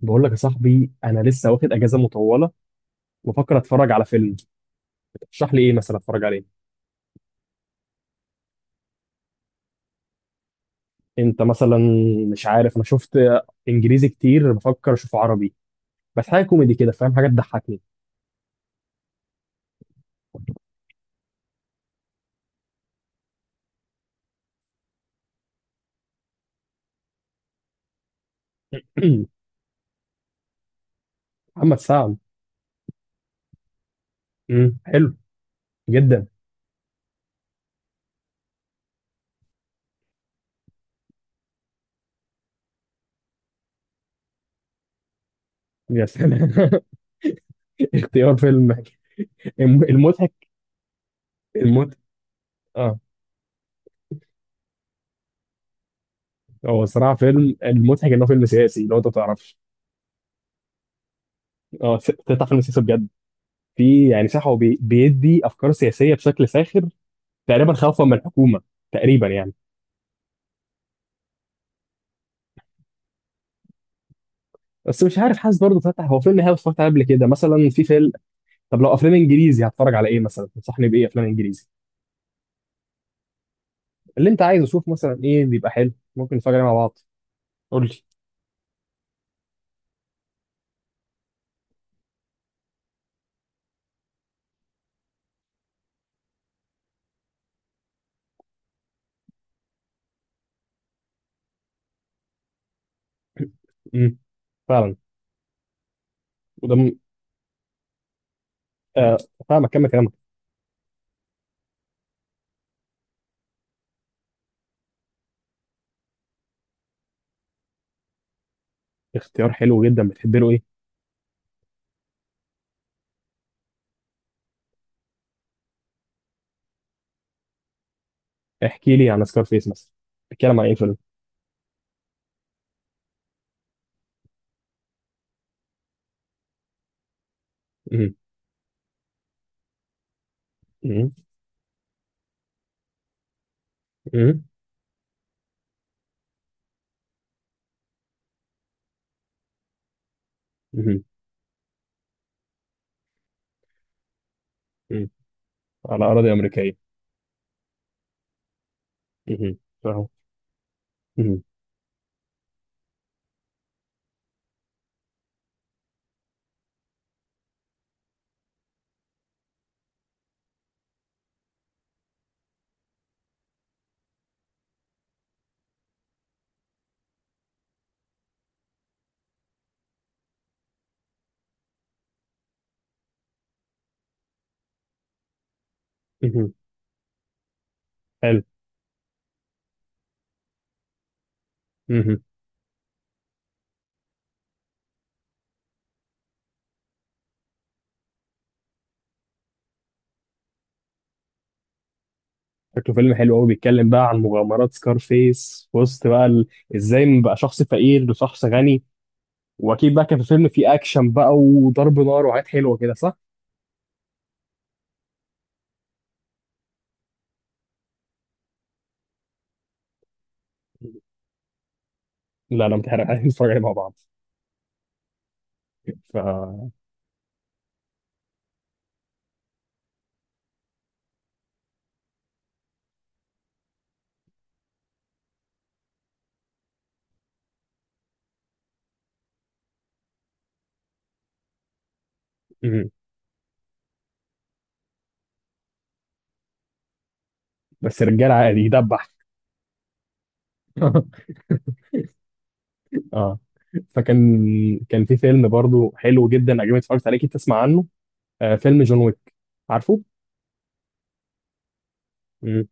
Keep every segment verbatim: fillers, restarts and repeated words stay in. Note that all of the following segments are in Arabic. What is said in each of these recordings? بقول لك يا صاحبي، انا لسه واخد اجازه مطوله وفكر اتفرج على فيلم. ترشح لي ايه مثلا اتفرج عليه؟ انت مثلا. مش عارف، انا شفت انجليزي كتير، بفكر اشوف عربي، بس حاجه كوميدي كده، فاهم، حاجه تضحكني. محمد سعد. مم، حلو جدا. يا سلام. اختيار فيلم. الم- المضحك. المضحك. اه. هو صراحه فيلم المضحك انه فيلم سياسي لو انت ما تعرفش. اه س- تطلع فيلم سياسي بجد. في يعني صح، هو بي- بيدي افكار سياسيه بشكل ساخر، تقريبا خوفا من الحكومه تقريبا يعني. بس مش عارف، حاسس برضه فتح. هو فيلم هاوس اتفرجت عليه قبل كده مثلا، في فيلم. طب لو افلام انجليزي هتفرج على ايه مثلا؟ تنصحني بايه افلام انجليزي؟ اللي انت عايزه، شوف مثلا ايه بيبقى حلو ممكن نتفرج عليه مع بعض. قول لي. امم فعلا. وده م... آه، فاهمك، كمل كلامك. اختيار حلو جدا، بتحب له ايه؟ احكي لي عن سكار فيس مثلا. بيتكلم عن ايه الفيلم؟ امم امم امم امم أمم. على اراضي امريكيه. امم فاهم. امم امم حلو. مهم. شكله فيلم حلو قوي، بيتكلم بقى عن مغامرات سكارفيس في وسط بقى ال... ازاي من بقى شخص فقير لشخص غني. واكيد بقى كان في فيلم فيه اكشن بقى وضرب نار وحاجات حلوه كده صح؟ لا لا متحرق، عايزين نتفرج عليه مع بعض. ف. مم. بس رجال عادي يدبح. اه. فكان، كان في فيلم برضو حلو جدا عجبني اتفرجت عليه، اكيد تسمع عنه. آه فيلم جون ويك. عارفه؟ مم.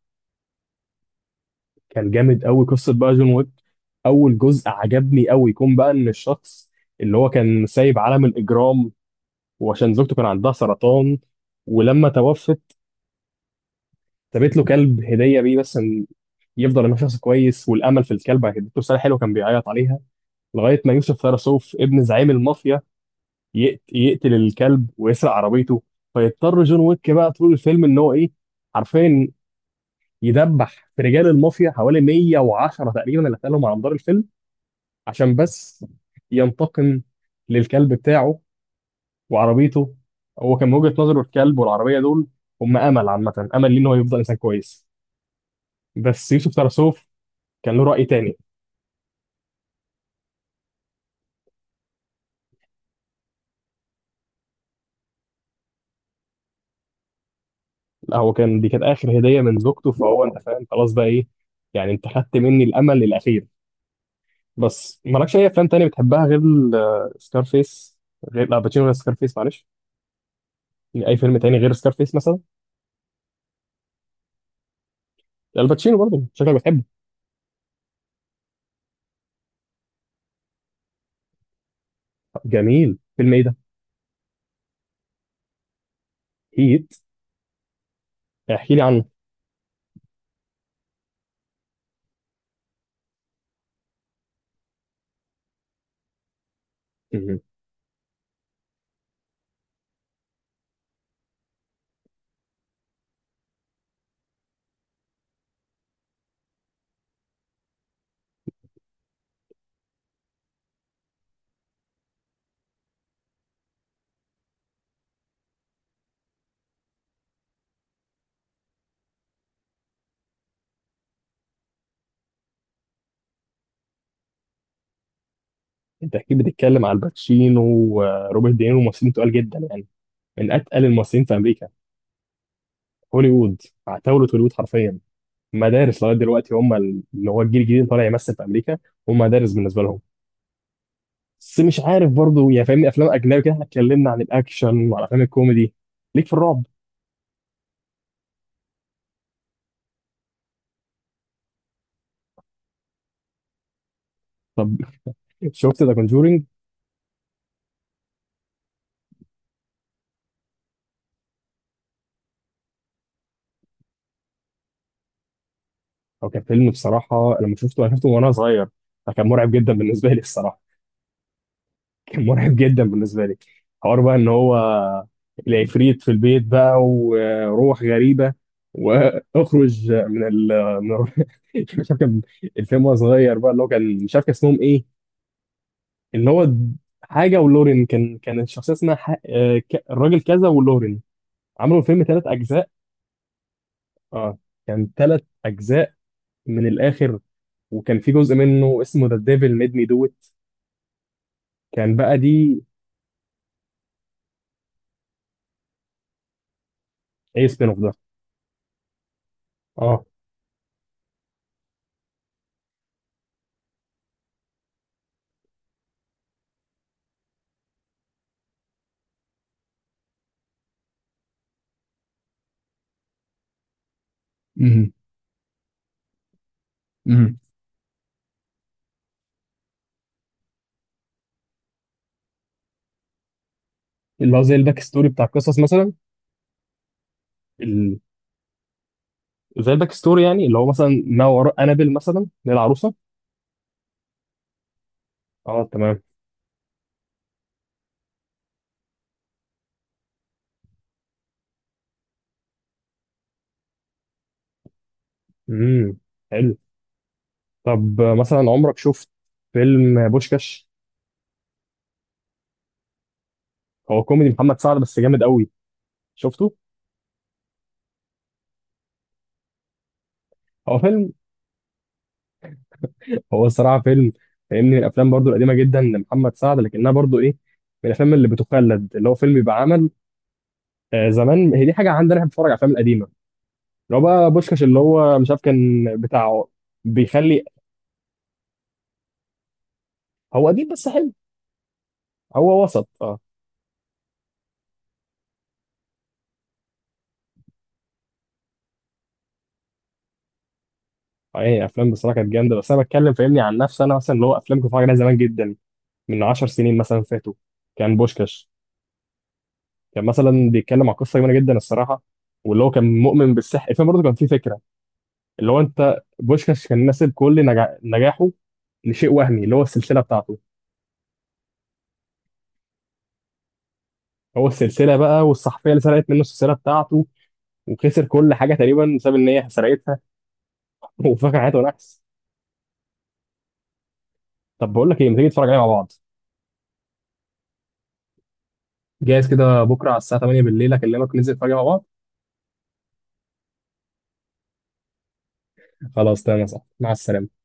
كان جامد قوي قصه بقى جون ويك. اول جزء عجبني قوي، يكون بقى ان الشخص اللي هو كان سايب عالم الاجرام، وعشان زوجته كان عندها سرطان. ولما توفت سابت له كلب هديه بيه، بس إن يفضل انه شخص كويس، والامل في الكلب هيديته رساله حلوه، كان بيعيط عليها لغايه ما يوسف ثراسوف ابن زعيم المافيا يقت- يقتل الكلب ويسرق عربيته. فيضطر جون ويك بقى طول الفيلم ان هو ايه، عارفين، يدبح في رجال المافيا حوالي مية وعشرة تقريبا اللي قتلهم على مدار الفيلم عشان بس ينتقم للكلب بتاعه وعربيته. هو كان من وجهة نظره الكلب والعربية دول هم أمل، عامة أمل ليه إن هو يفضل إنسان كويس. بس يوسف ترسوف كان له رأي تاني. لا هو كان، دي كانت آخر هدية من زوجته، فهو أنت فاهم خلاص بقى إيه، يعني أنت خدت مني الأمل الأخير. بس مالكش أي أفلام تاني بتحبها غير سكارفيس؟ غير لا باتشينو غير سكارفيس معلش، يعني أي فيلم تاني غير سكارفيس مثلا؟ الباتشينو برضه، شكلك بتحبه. جميل، فيلم إيه ده؟ هيت. احكي لي عنه. مهم. انت اكيد بتتكلم على الباتشينو وروبرت دينيرو، ممثلين تقال جدا يعني، من اتقل الممثلين في امريكا. هوليوود. عتاولة هوليوود حرفيا. مدارس لغايه دلوقتي، هم ال- اللي هو الجيل الجديد اللي طالع يمثل في امريكا، هم مدارس بالنسبه لهم. بس مش عارف برضو يعني فاهمني، افلام اجنبي كده احنا اتكلمنا عن الاكشن وعن افلام الكوميدي، ليك في الرعب؟ طب شفت ذا كونجورينج؟ او كان فيلم بصراحه، لما شفته انا شفته وانا صغير، فكان مرعب جدا بالنسبه لي الصراحه. كان مرعب جدا بالنسبه لي. حوار بقى ان هو العفريت في البيت بقى وروح غريبه، واخرج من ال، من ال- مش عارف كان الفيلم وهو صغير بقى، اللي هو كان مش عارف كان اسمهم ايه، اللي هو حاجه ولورين، كان كان الشخصيه اسمها ح... آه، ك- الراجل كذا ولورين. عملوا الفيلم ثلاث اجزاء. اه، كان ثلاث اجزاء من الاخر، وكان في جزء منه اسمه ذا ديفل ميد مي دو ات. كان بقى دي. ايه سبين اوف ده؟ اه. مم. اللي هو زي الباك ستوري بتاع القصص مثلا. ال... زي الباك ستوري يعني، اللي هو مثلا ما وراء انابل مثلا اللي هي العروسه. اه تمام. امم حلو. طب آه، مثلا عمرك شفت فيلم بوشكاش؟ هو كوميدي محمد سعد بس جامد قوي. شفته. هو فيلم، هو الصراحه فيلم فاهمني من الافلام برضو القديمه جدا لمحمد سعد، لكنها برضو ايه، من الافلام اللي بتخلد، اللي هو فيلم بيبقى عمل آه زمان. هي دي حاجه عندنا احنا، بنتفرج على الافلام القديمه. اللي هو بقى بوشكاش اللي هو مش عارف كان بتاع، بيخلي. هو قديم بس حلو. هو وسط اه. اي افلام بصراحه كانت جامده، بس انا بتكلم فاهمني عن نفسي انا مثلا، اللي هو افلام كنت بتفرج عليها زمان جدا، من 10 سنين مثلا فاتوا. كان بوشكاش كان مثلا بيتكلم عن قصه جميله جدا الصراحه، واللي هو كان مؤمن بالسحر. الفيلم برضه كان فيه فكره، اللي هو انت بوشكاش كان ناسب كل نجا... نجاحه لشيء وهمي اللي هو السلسله بتاعته. هو السلسله بقى والصحفيه اللي سرقت منه السلسله بتاعته، وخسر كل حاجه تقريبا بسبب ان هي سرقتها. وفاكر حياته نحس. طب بقول لك ايه، ما تيجي نتفرج عليه مع بعض؟ جاهز كده بكره على الساعه تمانية بالليل اكلمك، ننزل نتفرج عليه مع بعض. خلاص تمام يا صاحبي، مع السلامة.